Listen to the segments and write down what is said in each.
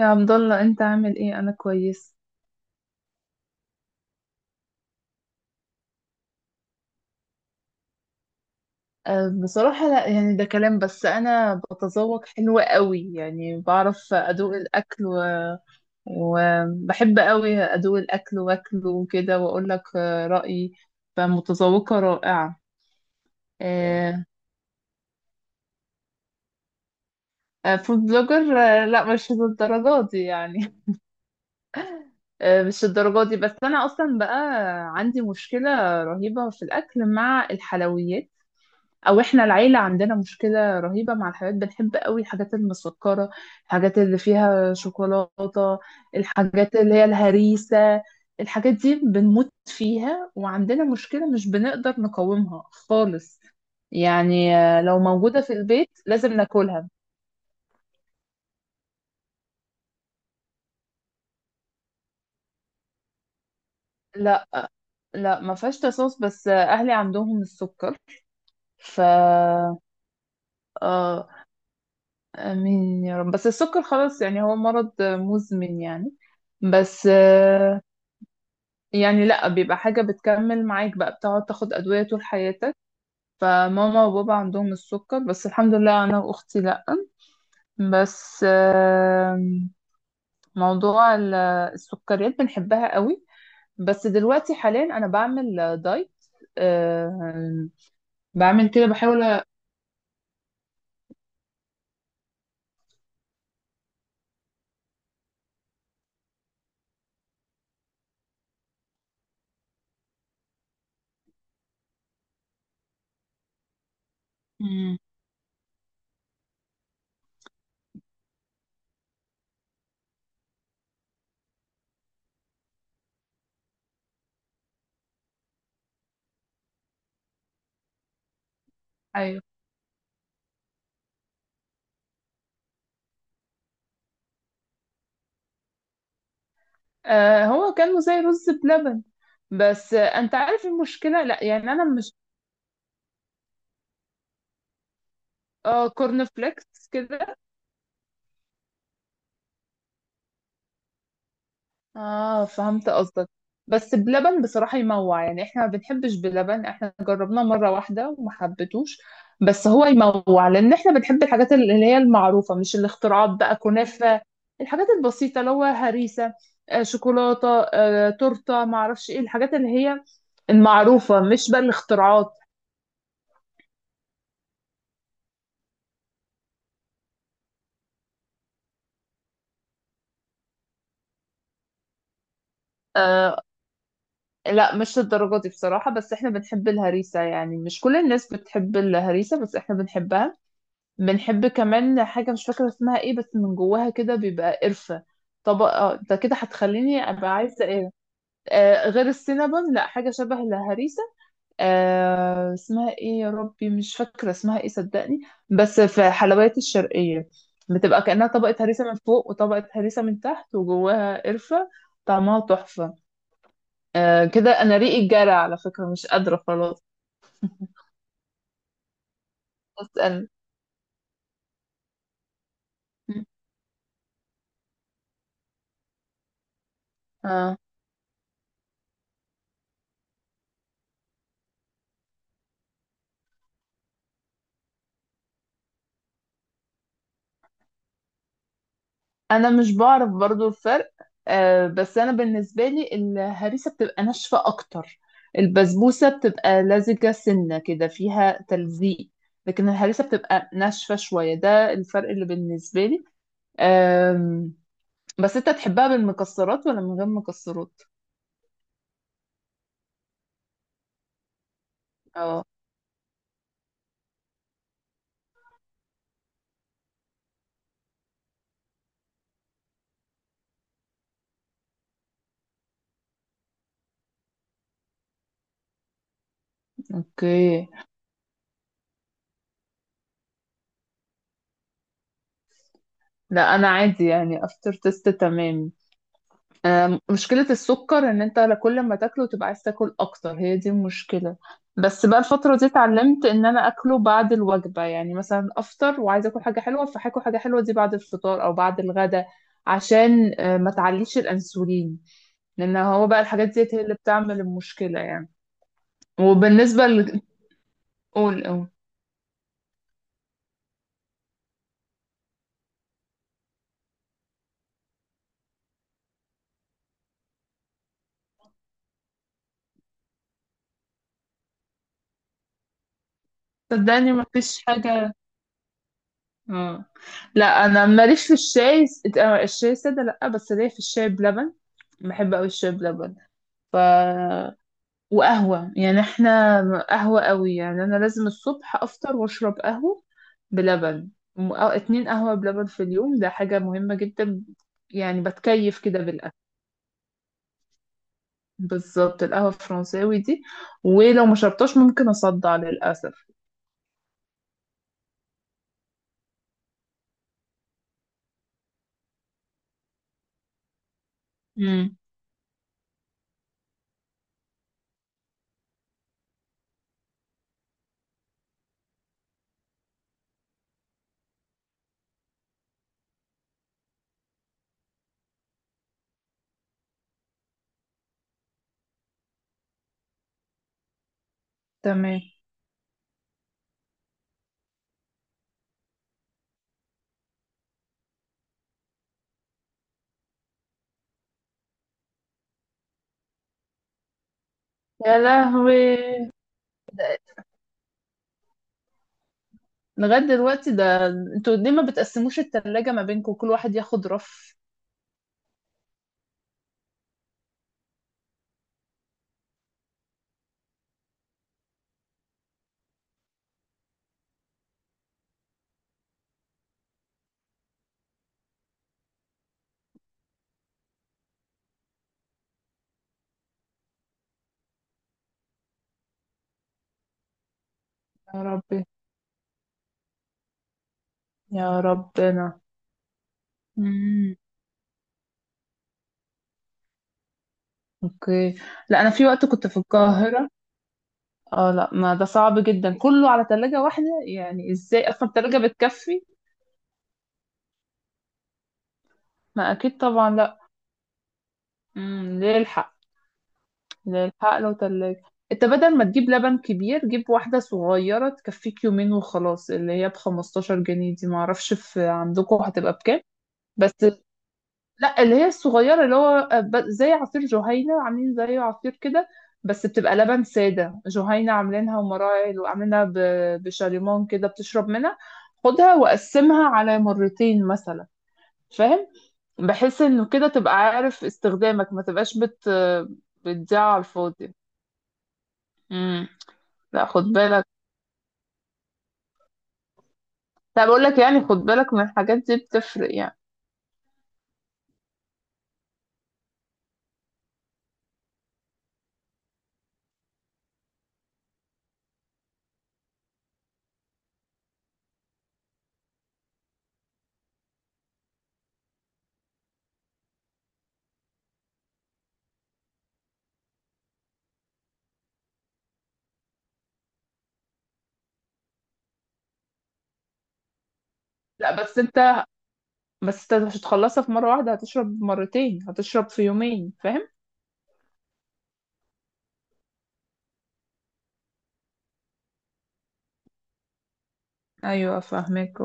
يا عبد الله، انت عامل ايه؟ انا كويس. بصراحة لا، يعني ده كلام، بس انا بتذوق حلو قوي، يعني بعرف ادوق الاكل و... وبحب قوي ادوق الاكل واكله وكده واقول لك رأيي، فمتذوقة رائعة. اه. أه. فود بلوجر. لا، مش للدرجات دي يعني. مش الدرجات دي، بس انا اصلا بقى عندي مشكلة رهيبة في الاكل مع الحلويات، او احنا العيله عندنا مشكله رهيبه مع الحاجات، بنحب قوي الحاجات المسكره، الحاجات اللي فيها شوكولاته، الحاجات اللي هي الهريسه. الحاجات دي بنموت فيها، وعندنا مشكله مش بنقدر نقاومها خالص، يعني لو موجوده في البيت لازم ناكلها. لا. ما فيهاش تصاص، بس اهلي عندهم السكر. ف اه. امين يا رب. بس السكر خلاص يعني هو مرض مزمن يعني. بس يعني لا، بيبقى حاجة بتكمل معاك بقى، بتقعد تاخد أدوية طول حياتك. فماما وبابا عندهم السكر، بس الحمد لله أنا وأختي لا. بس موضوع السكريات بنحبها قوي، بس دلوقتي حاليا أنا بعمل دايت. آم، بعمل كده بحاول. مم. أيوه. هو كانوا زي رز بلبن، بس أنت عارف المشكلة، لا يعني أنا مش... اه، كورن فليكس كده. اه، فهمت قصدك. بس بلبن بصراحة يموع، يعني احنا ما بنحبش بلبن، احنا جربناه مرة واحدة وما حبيتوش. بس هو يموع، لان احنا بنحب الحاجات اللي هي المعروفة، مش الاختراعات بقى. كنافة، الحاجات البسيطة، اللي هو هريسة، شوكولاتة، تورتة، ما اعرفش ايه الحاجات اللي هي المعروفة، مش بقى الاختراعات. آه، لا، مش الدرجة دي بصراحة، بس احنا بنحب الهريسة. يعني مش كل الناس بتحب الهريسة، بس احنا بنحبها. بنحب كمان حاجة مش فاكرة اسمها ايه، بس من جواها كده بيبقى قرفة، طبقة... انت كده هتخليني ابقى عايزة ايه؟ آه، غير السينابون، لا، حاجة شبه الهريسة. آه، اسمها ايه يا ربي؟ مش فاكرة اسمها ايه صدقني. بس في حلويات الشرقية، بتبقى كأنها طبقة هريسة من فوق وطبقة هريسة من تحت وجواها قرفة. طعمها تحفة. آه كده انا ريقي جرى على فكرة، مش قادرة خلاص. اسأل. انا مش بعرف برضو الفرق. آه، بس انا بالنسبه لي الهريسه بتبقى ناشفه اكتر، البسبوسه بتبقى لزجه سنه كده، فيها تلزيق، لكن الهريسه بتبقى ناشفه شويه، ده الفرق اللي بالنسبه لي. آم بس انت تحبها بالمكسرات ولا من غير مكسرات؟ اه. اوكي. لا انا عادي يعني، افتر تيست تمام. مشكلة السكر ان انت لا كل ما تاكله تبقى عايز تاكل اكتر، هي دي المشكلة. بس بقى الفترة دي اتعلمت ان انا اكله بعد الوجبة، يعني مثلا افطر وعايزة اكل حاجة حلوة، فهاكل حاجة حلوة دي بعد الفطار او بعد الغدا، عشان ما تعليش الانسولين، لان هو بقى الحاجات دي هي اللي بتعمل المشكلة يعني. وبالنسبة قول قول. صدقني ما فيش حاجة. اه. لا انا ماليش في الشاي. الشاي سادة لا، بس ليا في الشاي بلبن، بحب قوي الشاي بلبن. ف وقهوة يعني، احنا قهوة قوي. يعني انا لازم الصبح افطر واشرب قهوة بلبن. أو اتنين قهوة بلبن في اليوم، ده حاجة مهمة جدا. يعني بتكيف كده بالقهوة. بالظبط، القهوة الفرنساوي دي ولو ما شربتهاش ممكن اصدع للأسف. امم. تمام. يا لهوي. لغاية دلوقتي ده؟ انتوا ليه ما بتقسموش التلاجة ما بينكم؟ كل واحد ياخد رف. يا ربي. يا ربنا. مم. اوكي. لا، انا في وقت كنت في القاهرة. اه لا، ما ده صعب جدا كله على تلاجة واحدة، يعني ازاي اصلا التلاجة بتكفي؟ ما اكيد طبعا لا. امم. ليه الحق. ليه الحق لو تلاجة، انت بدل ما تجيب لبن كبير جيب واحدة صغيرة تكفيك يومين وخلاص، اللي هي ب 15 جنيه دي، معرفش في عندكم هتبقى بكام. بس... لا اللي هي الصغيرة، اللي هو زي عصير جهينة، عاملين زيه عصير كده، بس بتبقى لبن سادة. جهينة عاملينها ومراعي، وعاملينها بشاليمون كده بتشرب منها. خدها وقسمها على مرتين مثلا، فاهم؟ بحيث انه كده تبقى عارف استخدامك، ما تبقاش بتضيع على الفاضي. امم. لا خد بالك. لا بقول لك يعني، خد بالك من الحاجات دي بتفرق يعني. لا بس انت بس انت مش هتخلصها في مرة واحدة، هتشرب مرتين، هتشرب في يومين، فاهم؟ ايوه فاهمك.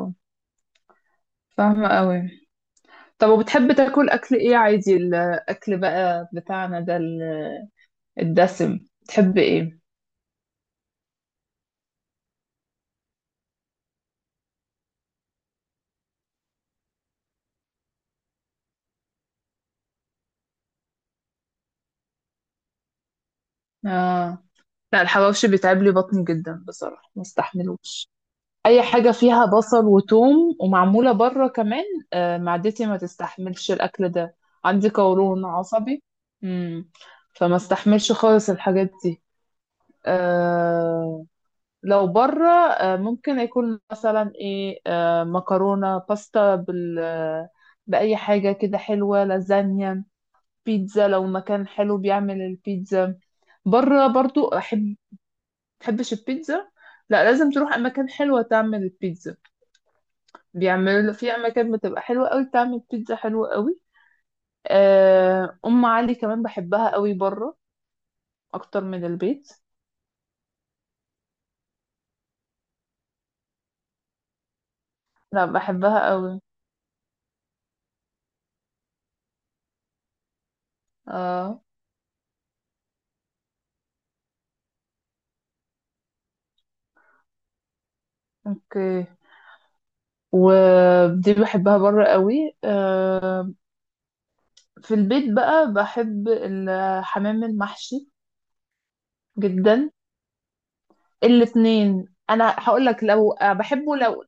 فاهمة قوي. طب وبتحب تاكل اكل ايه عادي؟ الاكل بقى بتاعنا ده الدسم، بتحب ايه؟ اه. لا، الحواوشي بيتعب لي بطني جدا بصراحة، ما استحملوش اي حاجة فيها بصل وتوم ومعمولة بره كمان. آه، معدتي ما تستحملش الاكل ده. عندي قولون عصبي. امم. فما استحملش خالص الحاجات دي. آه. لو بره ممكن يكون مثلا ايه، مكرونة باستا بال بأي حاجة كده حلوة، لازانيا، بيتزا لو مكان حلو بيعمل البيتزا. بره برضو أحب. تحبش البيتزا؟ لا لازم تروح أماكن حلوة تعمل البيتزا. بيعملوا في أماكن بتبقى حلوة قوي تعمل بيتزا حلوة قوي. أم علي كمان بحبها قوي بره أكتر من البيت. لا بحبها قوي. اه. اوكي. ودي بحبها بره قوي. في البيت بقى بحب الحمام المحشي جدا. الاتنين، انا هقول لك لو بحبه لو...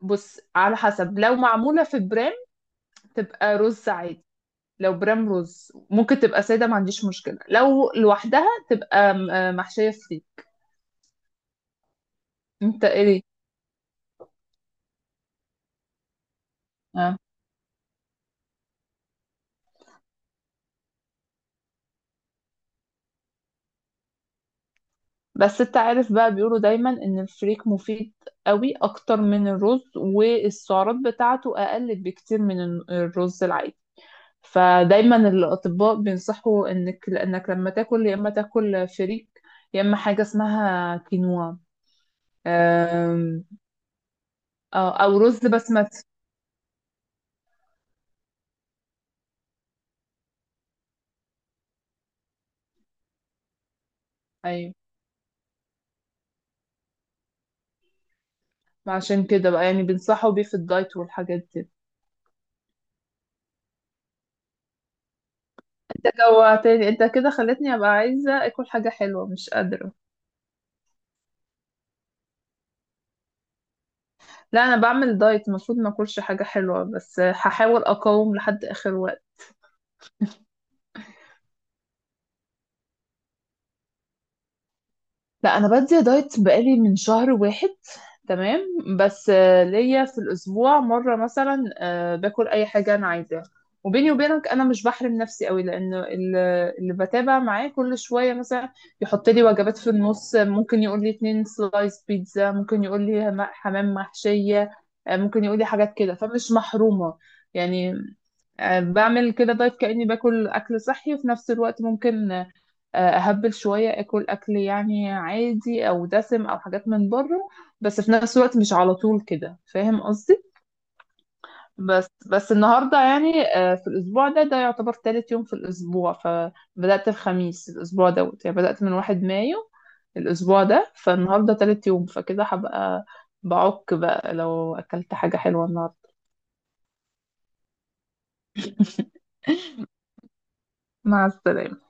بص، على حسب، لو معموله في برام تبقى رز عادي. لو برام رز ممكن تبقى ساده، ما عنديش مشكله. لو لوحدها تبقى محشيه فري. انت ايه؟ آه. بس انت عارف بقى بيقولوا دايما ان الفريك مفيد قوي اكتر من الرز، والسعرات بتاعته اقل بكتير من الرز العادي. فدايما الاطباء بينصحوا انك، لانك لما تاكل يا اما تاكل فريك، يا اما حاجه اسمها كينوا. أم- او أو رز بسمتي. ايوه. عشان كده بقى يعني بينصحوا بيه في الدايت والحاجات دي. جوعتني انت كده، خلتني ابقى عايزه اكل حاجه حلوه مش قادره. لا، انا بعمل دايت، المفروض ما اكلش حاجه حلوه، بس هحاول اقاوم لحد اخر وقت. لا انا بدي دايت بقالي من شهر واحد. تمام. بس ليا في الاسبوع مره مثلا، باكل اي حاجه انا عايزاها. وبيني وبينك انا مش بحرم نفسي قوي، لانه اللي بتابع معاه كل شويه مثلا يحط لي وجبات في النص، ممكن يقول لي اتنين سلايس بيتزا، ممكن يقول لي حمام محشيه، ممكن يقول لي حاجات كده، فمش محرومه يعني. بعمل كده دايت كأني باكل أكل صحي، وفي نفس الوقت ممكن أهبل شوية، أكل يعني عادي أو دسم أو حاجات من بره. بس في نفس الوقت مش على طول كده، فاهم قصدي؟ بس النهاردة يعني في الأسبوع ده يعتبر تالت يوم في الأسبوع، فبدأت الخميس الأسبوع دوت يعني، بدأت من واحد مايو الأسبوع ده، فالنهاردة تالت يوم، فكده هبقى بعك بقى لو أكلت حاجة حلوة النهاردة. مع السلامة.